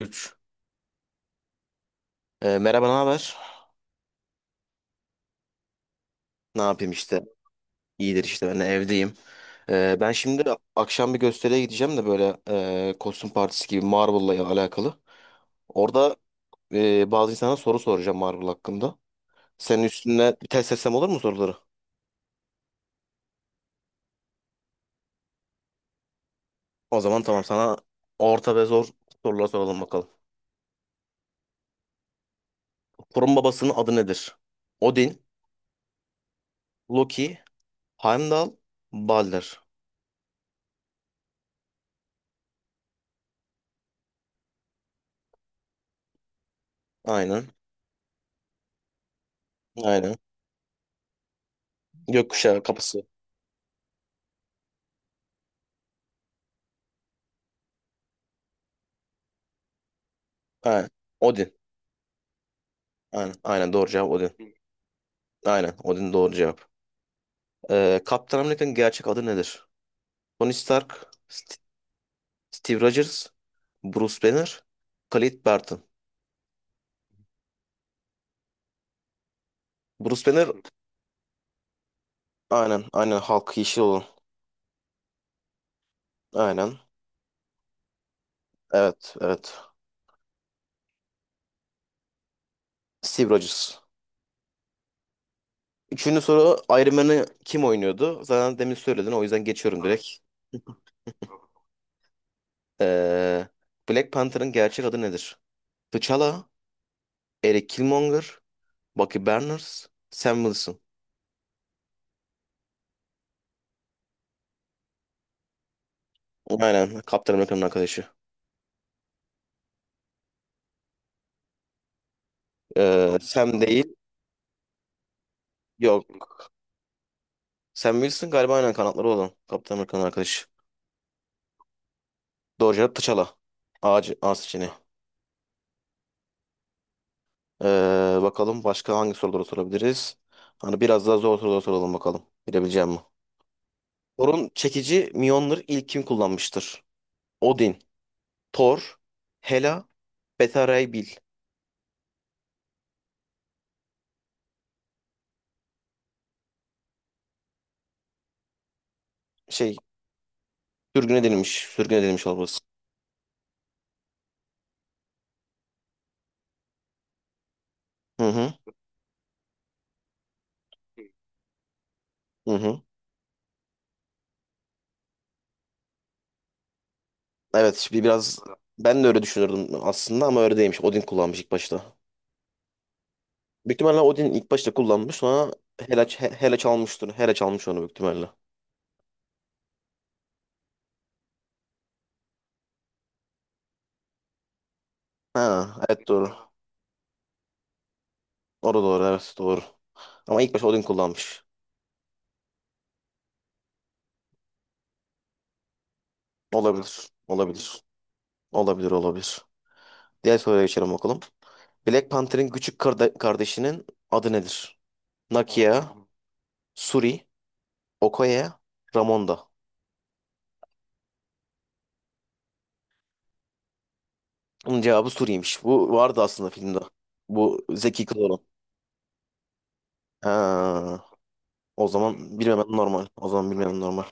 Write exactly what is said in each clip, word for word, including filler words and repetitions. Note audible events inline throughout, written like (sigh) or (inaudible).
üç merhaba, ne haber? Ne yapayım işte? İyidir işte ben de evdeyim. Ee, ben şimdi akşam bir gösteriye gideceğim de böyle e, kostüm partisi gibi Marvel'la alakalı. Orada e, bazı insana soru soracağım Marvel hakkında. Senin üstüne bir test etsem olur mu soruları? O zaman tamam sana orta ve zor sorular soralım bakalım. Thor'un babasının adı nedir? Odin, Loki, Heimdall, Balder. Aynen. Aynen. Gökkuşağı kapısı. Aynen. Odin. Aynen. Aynen doğru cevap Odin. Aynen. Odin doğru cevap. Ee, Kaptan Amerika'nın gerçek adı nedir? Tony Stark, St- Steve Rogers, Bruce Banner, Clint Barton. Bruce Banner aynen aynen Hulk yeşil olan. Aynen. Evet evet. Steve Rogers. Üçüncü soru Iron Man'ı kim oynuyordu? Zaten demin söyledin o yüzden geçiyorum direkt. Ee, Black Panther'ın gerçek adı nedir? T'Challa, Eric Killmonger, Bucky Barnes, Sam Wilson. Aynen Kaptan Amerika'nın arkadaşı. Ee, Sam değil. Yok Sam Wilson galiba aynen kanatları olan. Kaptan Amerika'nın arkadaşı. Doğru cevap T'Challa. A, C- A seçeneği. Ee, bakalım başka hangi soruları sorabiliriz? Hani biraz daha zor sorular soralım bakalım. Bilebileceğim mi? Thor'un çekici Mjolnir ilk kim kullanmıştır? Odin, Thor, Hela, Beta Ray Bill. Şey, sürgün edilmiş. Sürgün edilmiş olması. Hı hı. Hı hı. Evet, şimdi biraz ben de öyle düşünürdüm aslında ama öyle değilmiş. Odin kullanmış ilk başta. Büyük ihtimalle Odin ilk başta kullanmış sonra Hela, He- Hela çalmıştır. Hela çalmış onu büyük ihtimalle. Ha, evet doğru. Doğru doğru evet doğru. Ama ilk başta Odin kullanmış. Olabilir. Olabilir. Olabilir olabilir. Diğer soruya geçelim bakalım. Black Panther'in küçük karda- kardeşinin adı nedir? Nakia, Suri, Okoye, Ramonda. Bunun cevabı Suri'ymiş. Bu vardı aslında filmde. Bu Zeki Kıl olan. Ha, o zaman bilmemem normal. O zaman bilmemem normal.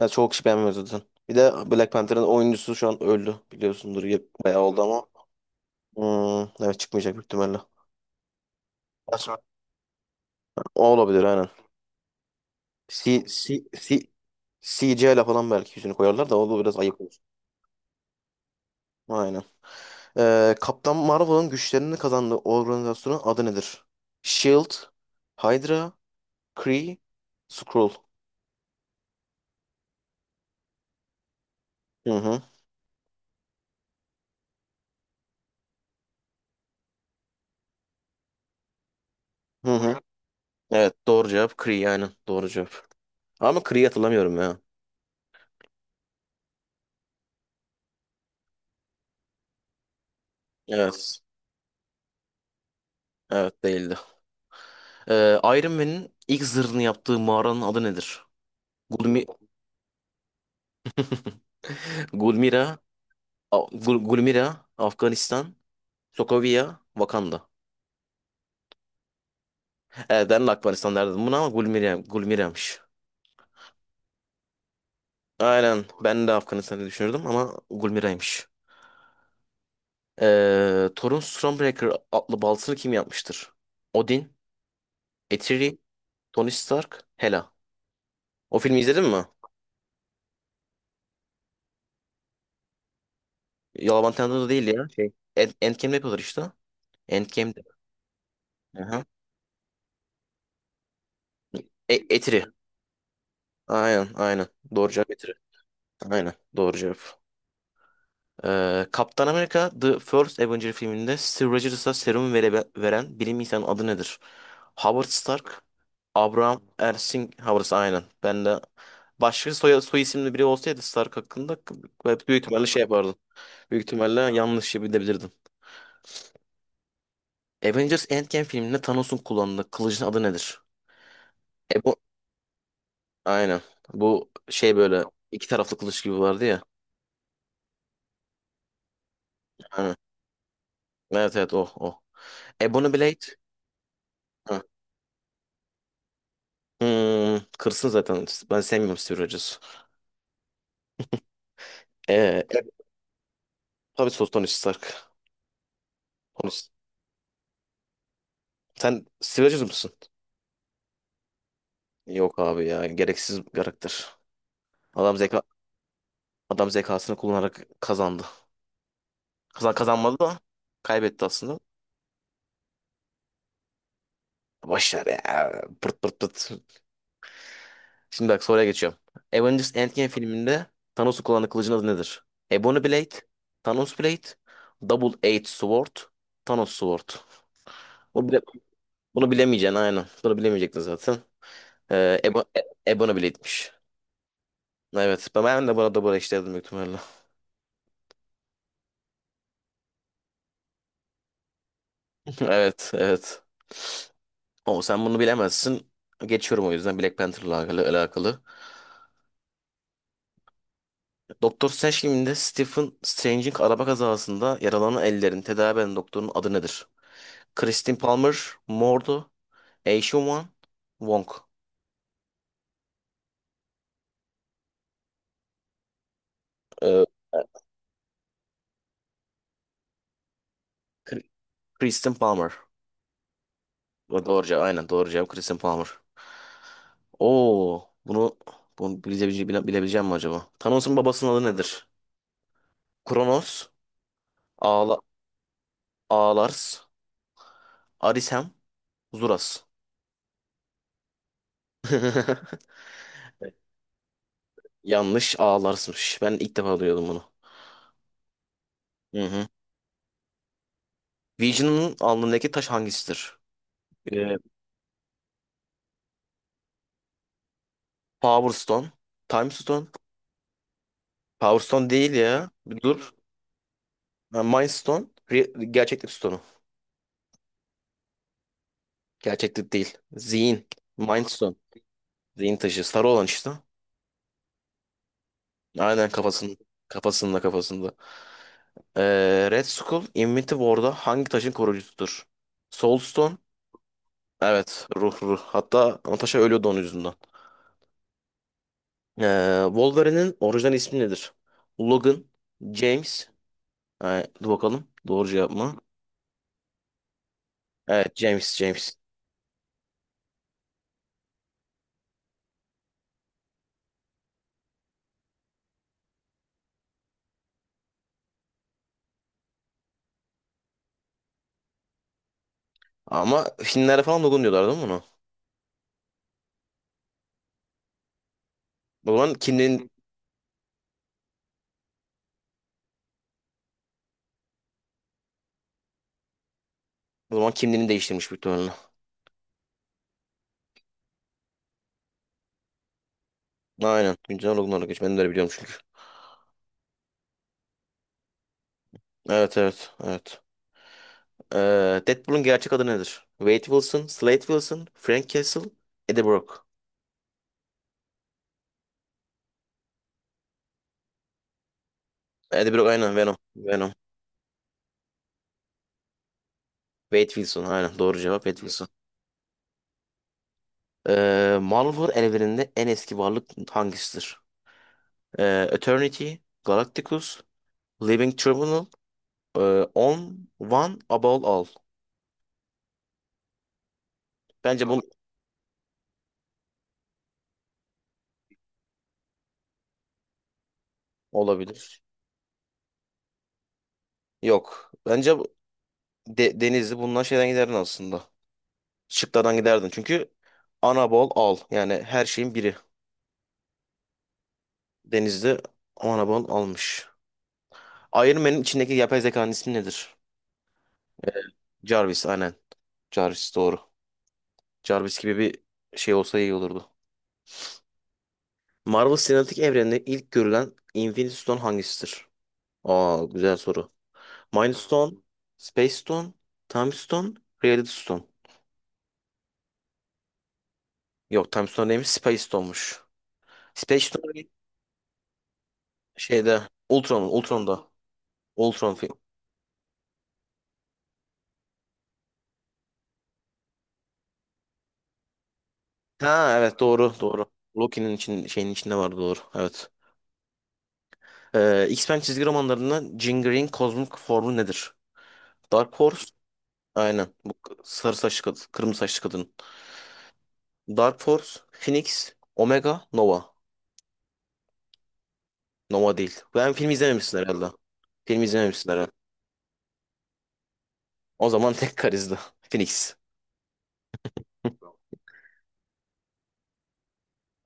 Ya çok kişi beğenmiyor zaten. Bir de Black Panther'ın oyuncusu şu an öldü biliyorsundur. Ya- Bayağı oldu ama. Hmm, evet çıkmayacak büyük ihtimalle. Aslında o olabilir aynen. C, C, C, C CGI ile falan belki yüzünü koyarlar da o da biraz ayıp olur. Aynen. Ee, Kaptan Marvel'ın güçlerini kazandığı organizasyonun adı nedir? Shield, Hydra, Kree, Skrull. Hı hı. Hı hı. Evet doğru cevap Kree aynen doğru cevap. Ama Kree'yi hatırlamıyorum ya. Evet. Evet değildi. Ee, Iron Man'in ilk zırhını yaptığı mağaranın adı nedir? Gulmi (laughs) Gulmira, A- Gul- Gulmira, Afganistan, Sokovia, Wakanda. Evet ben de Afganistan derdim buna ama Gulmira, Gulmira'ymış. Aynen ben de Afganistanı düşünürdüm ama Gulmira'ymış. Ee, Thor'un Stormbreaker adlı baltasını kim yapmıştır? Odin, Eitri, Tony Stark, Hela. O filmi izledin mi? Yalan Tanrı da değil ya. Şey. End- Endgame'de yapıyorlar işte. Endgame'de. Aha. E Eitri. Aynen aynen. Doğru cevap getir. Aynen doğru cevap. Ee, Kaptan Amerika The First Avenger filminde Steve Rogers'a serumu vere- veren bilim insanının adı nedir? Howard Stark, Abraham Erskine Howard aynen. Ben de başka soy, soy isimli biri olsaydı Stark hakkında büyük ihtimalle şey yapardım. Büyük ihtimalle yanlış bilebilirdim. Avengers Endgame filminde Thanos'un kullandığı kılıcın adı nedir? E bu aynen. Bu şey böyle iki taraflı kılıç gibi vardı ya. Aynen. Evet evet o o. Ebony Blade. Hı. Hmm, kırsın zaten. Ben sevmiyorum Steve Rogers'ı. Ee, e, tabii sos Tony Stark. Tony Stark. Sen Steve Rogers mısın? Yok abi ya. Gereksiz bir karakter. Adam zeka adam zekasını kullanarak kazandı. Kazan kazanmadı da kaybetti aslında. Boş ver ya. Pırt pırt pırt. Şimdi bak soruya geçiyorum. Avengers Endgame filminde Thanos'un kullandığı kılıcın adı nedir? Ebony Blade, Thanos Blade, Double Edged Sword, Thanos Sword. O Bunu bilemeyeceksin aynen. Bunu bilemeyecektin zaten. Ee, Ebo, E- Ebon'a bile gitmiş. Evet. Ben de burada burada işlerdim büyük ihtimalle. (laughs) Evet. Evet. O sen bunu bilemezsin. Geçiyorum o yüzden Black Panther'la alakalı, alakalı. Doktor Strange filminde Stephen Strange'in araba kazasında yaralanan ellerin tedavi eden doktorun adı nedir? Christine Palmer, Mordo, Eishun Wong. Ee, Kr- Kristen Palmer. Doğru cevap. Aynen doğru cevap Kristen Palmer. Oo, bunu bunu bilebileceğim, bile- bilebileceğim mi acaba? Thanos'un babasının adı nedir? Kronos, Ağla, Ağlars, Arisem, Zuras. (laughs) Yanlış, Ağlars'mış. Ben ilk defa duyuyordum bunu. Hı hı. Vision'ın alnındaki taş hangisidir? Ee, Power Stone, Time Stone. Power Stone değil ya. Bir dur. Ha, Mind Stone, Re- gerçeklik Stone'u. Gerçeklik değil. Zihin, Mind Stone. Zihin taşı. Sarı olan işte. Aynen kafasında. Kafasında kafasında. Ee, Red Skull Infinity War'da hangi taşın koruyucusudur? Soulstone. Evet. Ruh ruh. Hatta Natasha ölüyordu onun yüzünden. Ee, Wolverine'in orijinal ismi nedir? Logan. James. Ee, dur bakalım. Doğru cevap mı? Evet. James. James. Ama Finlerde falan Logan diyorlar değil mi bunu? O zaman kimliğin, o zaman kimliğini değiştirmiş muhtemelen. Aynen. Güncel Logan olarak geç. Ben de öyle biliyorum çünkü. Evet evet. Evet. Ee, Deadpool'un gerçek adı nedir? Wade Wilson, Slade Wilson, Frank Castle, Eddie Brock. Eddie Brock aynen Venom. Venom. Wade Wilson aynen doğru cevap Wade Wilson. Ee, Marvel evreninde en eski varlık hangisidir? Ee, Eternity, Galacticus, Living Tribunal, ee, On, One, Above All. Bence bu olabilir. Yok. Bence bu- De- Denizli bundan şeyden giderdin aslında. Şıklardan giderdin. Çünkü Anabol al. Yani her şeyin biri. Denizli Anabol almış. Iron Man'in içindeki yapay zekanın ismi nedir? Jarvis aynen. Jarvis doğru. Jarvis gibi bir şey olsa iyi olurdu. Marvel Sinematik Evreni'nde ilk görülen Infinity Stone hangisidir? Aa güzel soru. Mind Stone, Space Stone, Time Stone, Reality Stone. Yok Time Stone değilmiş Space Stone'muş. Space Stone şeyde Ultron'un Ultron'da. Ultron film. Ha evet doğru doğru. Loki'nin için, şeyin içinde vardı doğru. Evet. Ee, X-Men çizgi romanlarında Jean Grey'in kozmik formu nedir? Dark Horse, aynen. Bu k- sarı saçlı kadın, kırmızı saçlı kadın. Dark Force, Phoenix, Omega, Nova. Nova değil. Ben film izlememişsin herhalde. Film izlememişsin herhalde. O zaman (laughs) tek karizdi. Phoenix.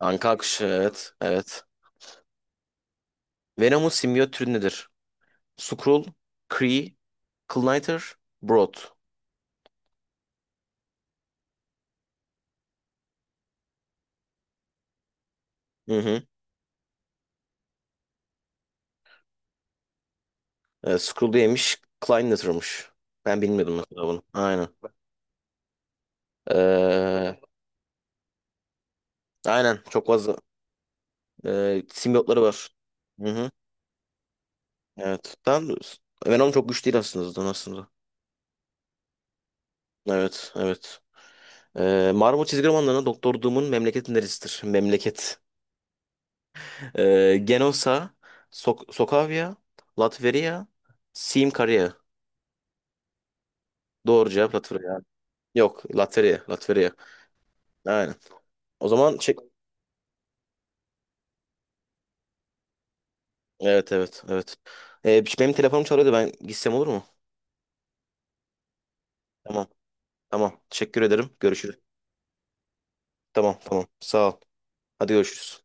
Anka kuşu evet. Evet. Venom'un simyot türü nedir? Skrull, Kree, Klyniter, Brood. Hı hı. Ee, Skrull yemiş, Klyniter'mış. Ben bilmiyordum mesela bunu. Aynen. Ee, aynen. Çok fazla e, simyotları var. Hı hı. Evet. Ben, Venom çok güçlü değil aslında zaten aslında. Evet, evet. Ee, Marvel çizgi romanlarına Doktor Doom'un memleketi neresidir? Memleket. (laughs) Ee, Genosa, Sok Sokavia, Latveria, Sim Doğru cevap Latveria. Yok, Latveria, Latveria. Aynen. O zaman çek... Evet, evet, evet. Ee, benim telefonum çalıyordu. Ben gitsem olur mu? Tamam, tamam. Teşekkür ederim. Görüşürüz. Tamam, tamam. Sağ ol. Hadi görüşürüz.